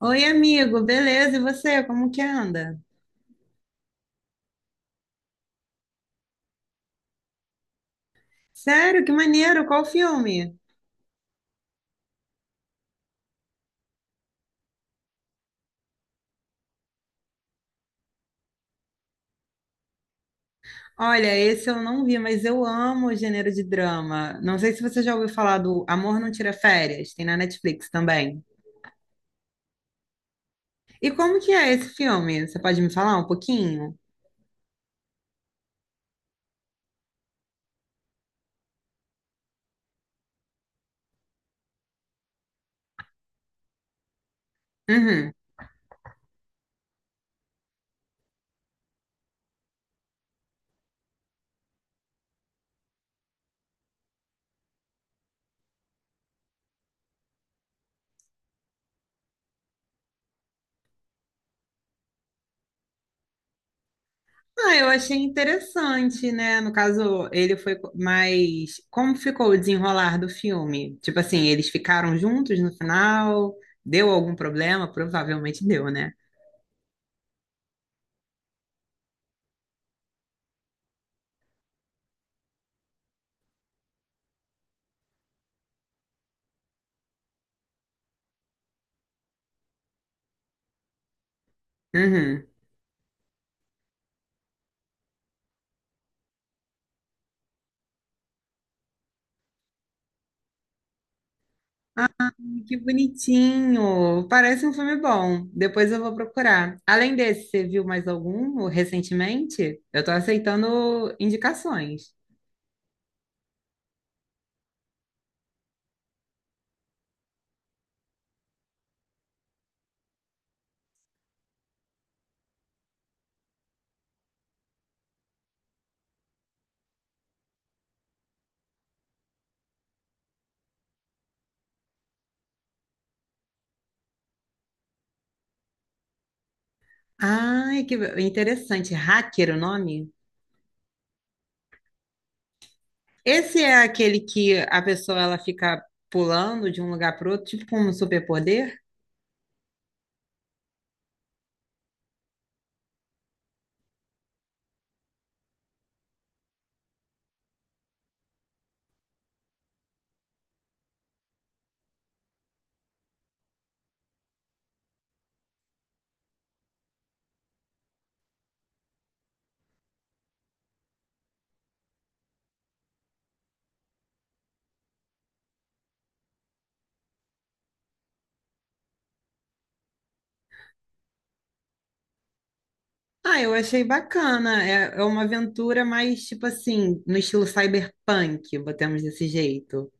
Oi, amigo, beleza? E você, como que anda? Sério, que maneiro, qual filme? Olha, esse eu não vi, mas eu amo o gênero de drama. Não sei se você já ouviu falar do Amor Não Tira Férias, tem na Netflix também. E como que é esse filme? Você pode me falar um pouquinho? Uhum. Ah, eu achei interessante, né? No caso, mais. Como ficou o desenrolar do filme? Tipo assim, eles ficaram juntos no final? Deu algum problema? Provavelmente deu, né? Uhum. Que bonitinho! Parece um filme bom. Depois eu vou procurar. Além desse, você viu mais algum recentemente? Eu tô aceitando indicações. Ai, que interessante. Hacker, o nome? Esse é aquele que a pessoa ela fica pulando de um lugar para outro, tipo com um superpoder? Ah, eu achei bacana. É, é uma aventura mais tipo assim, no estilo cyberpunk, botamos desse jeito.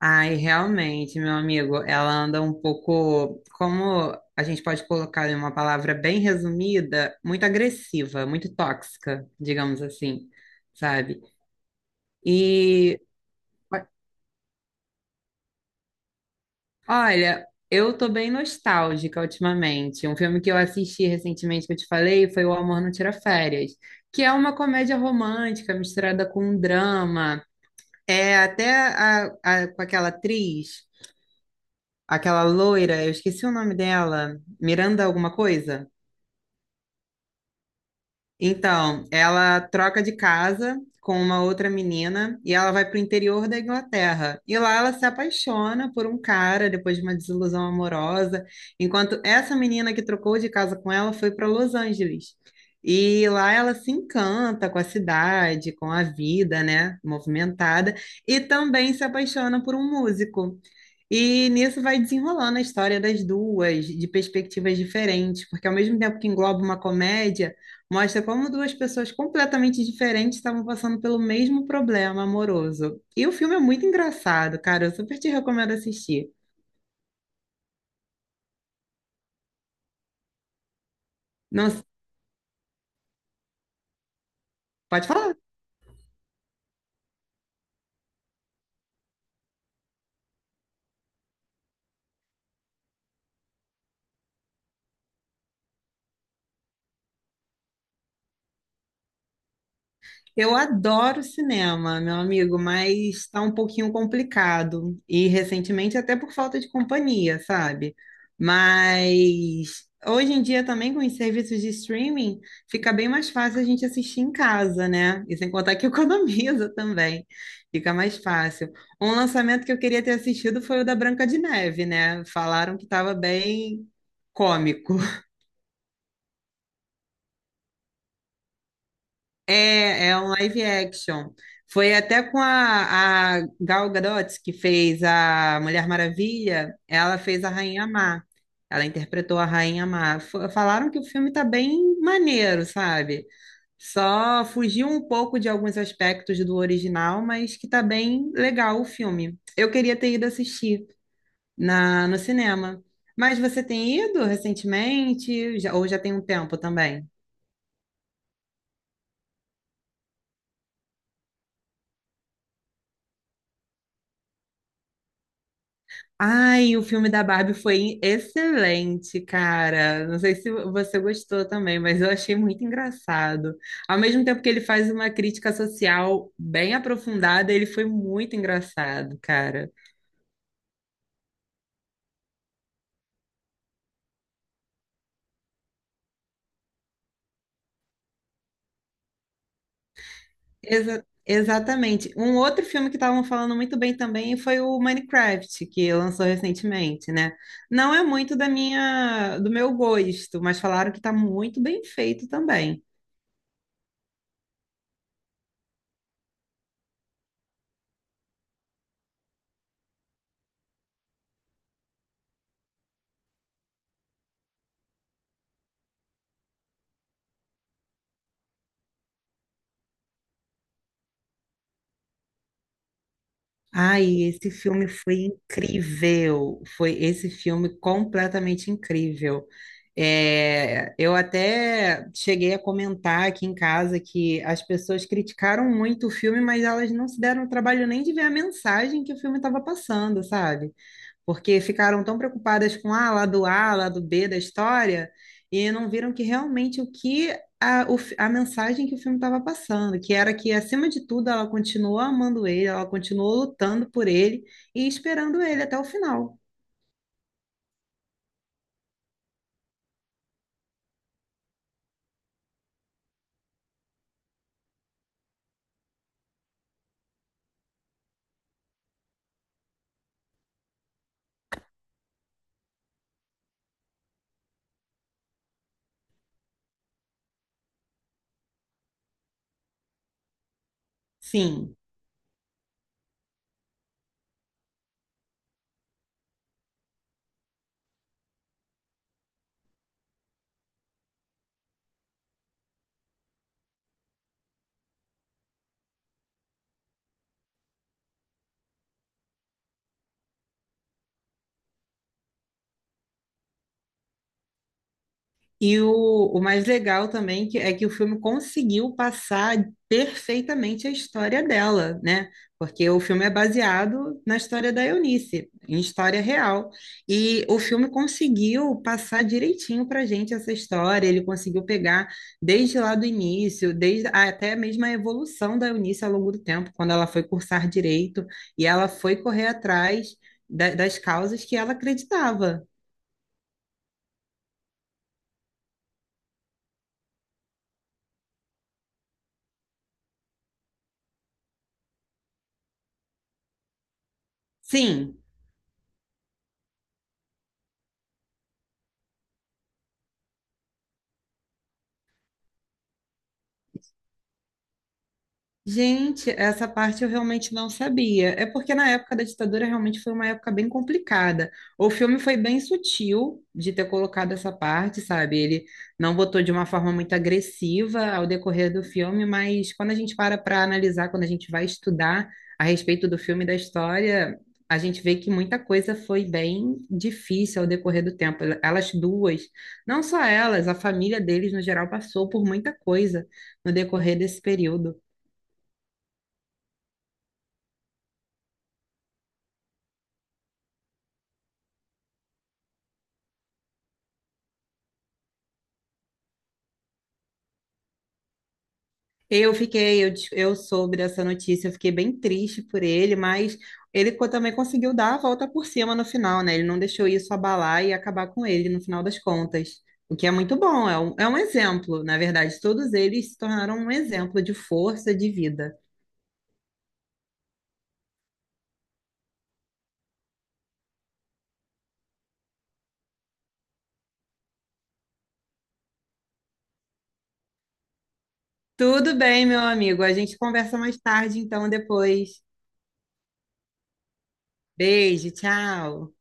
Ai, realmente, meu amigo, ela anda um pouco, como a gente pode colocar em uma palavra bem resumida, muito agressiva, muito tóxica, digamos assim, sabe? E o- olha, eu tô bem nostálgica ultimamente. Um filme que eu assisti recentemente que eu te falei foi O Amor Não Tira Férias, que é uma comédia romântica misturada com um drama. É até com aquela atriz. Aquela loira, eu esqueci o nome dela, Miranda alguma coisa? Então, ela troca de casa com uma outra menina e ela vai para o interior da Inglaterra. E lá ela se apaixona por um cara depois de uma desilusão amorosa, enquanto essa menina que trocou de casa com ela foi para Los Angeles. E lá ela se encanta com a cidade, com a vida, né, movimentada, e também se apaixona por um músico. E nisso vai desenrolando a história das duas, de perspectivas diferentes, porque ao mesmo tempo que engloba uma comédia, mostra como duas pessoas completamente diferentes estavam passando pelo mesmo problema amoroso. E o filme é muito engraçado, cara. Eu super te recomendo assistir. Não, pode falar. Eu adoro cinema, meu amigo, mas está um pouquinho complicado. E recentemente até por falta de companhia, sabe? Mas hoje em dia também com os serviços de streaming fica bem mais fácil a gente assistir em casa, né? E sem contar que economiza também. Fica mais fácil. Um lançamento que eu queria ter assistido foi o da Branca de Neve, né? Falaram que estava bem cômico. É, é um live action. Foi até com a Gal Gadot, que fez a Mulher Maravilha, ela fez a Rainha Má. Ela interpretou a Rainha Má. Falaram que o filme tá bem maneiro, sabe? Só fugiu um pouco de alguns aspectos do original, mas que tá bem legal o filme. Eu queria ter ido assistir no cinema. Mas você tem ido recentemente? Ou já tem um tempo também? Ai, o filme da Barbie foi excelente, cara. Não sei se você gostou também, mas eu achei muito engraçado. Ao mesmo tempo que ele faz uma crítica social bem aprofundada, ele foi muito engraçado, cara. Exatamente. Um outro filme que estavam falando muito bem também foi o Minecraft, que lançou recentemente, né? Não é muito da do meu gosto, mas falaram que tá muito bem feito também. Ai, esse filme foi incrível. Foi esse filme completamente incrível. É, eu até cheguei a comentar aqui em casa que as pessoas criticaram muito o filme, mas elas não se deram o trabalho nem de ver a mensagem que o filme estava passando, sabe? Porque ficaram tão preocupadas com ah, lá do A, lá do B da história, e não viram que realmente o que a mensagem que o filme estava passando, que era que, acima de tudo, ela continuou amando ele, ela continuou lutando por ele e esperando ele até o final. Sim. E o mais legal também que, é que o filme conseguiu passar perfeitamente a história dela, né? Porque o filme é baseado na história da Eunice, em história real. E o filme conseguiu passar direitinho para gente essa história, ele conseguiu pegar desde lá do início, até mesmo a evolução da Eunice ao longo do tempo, quando ela foi cursar direito e ela foi correr atrás das causas que ela acreditava. Sim, gente, essa parte eu realmente não sabia. É porque na época da ditadura realmente foi uma época bem complicada. O filme foi bem sutil de ter colocado essa parte, sabe? Ele não botou de uma forma muito agressiva ao decorrer do filme, mas quando a gente para para analisar, quando a gente vai estudar a respeito do filme e da história, a gente vê que muita coisa foi bem difícil ao decorrer do tempo. Elas duas, não só elas, a família deles no geral passou por muita coisa no decorrer desse período. Eu soube dessa notícia, eu fiquei bem triste por ele, mas ele também conseguiu dar a volta por cima no final, né? Ele não deixou isso abalar e acabar com ele no final das contas, o que é muito bom, é um exemplo, na verdade, todos eles se tornaram um exemplo de força de vida. Tudo bem, meu amigo, a gente conversa mais tarde, então depois. Beijo, tchau.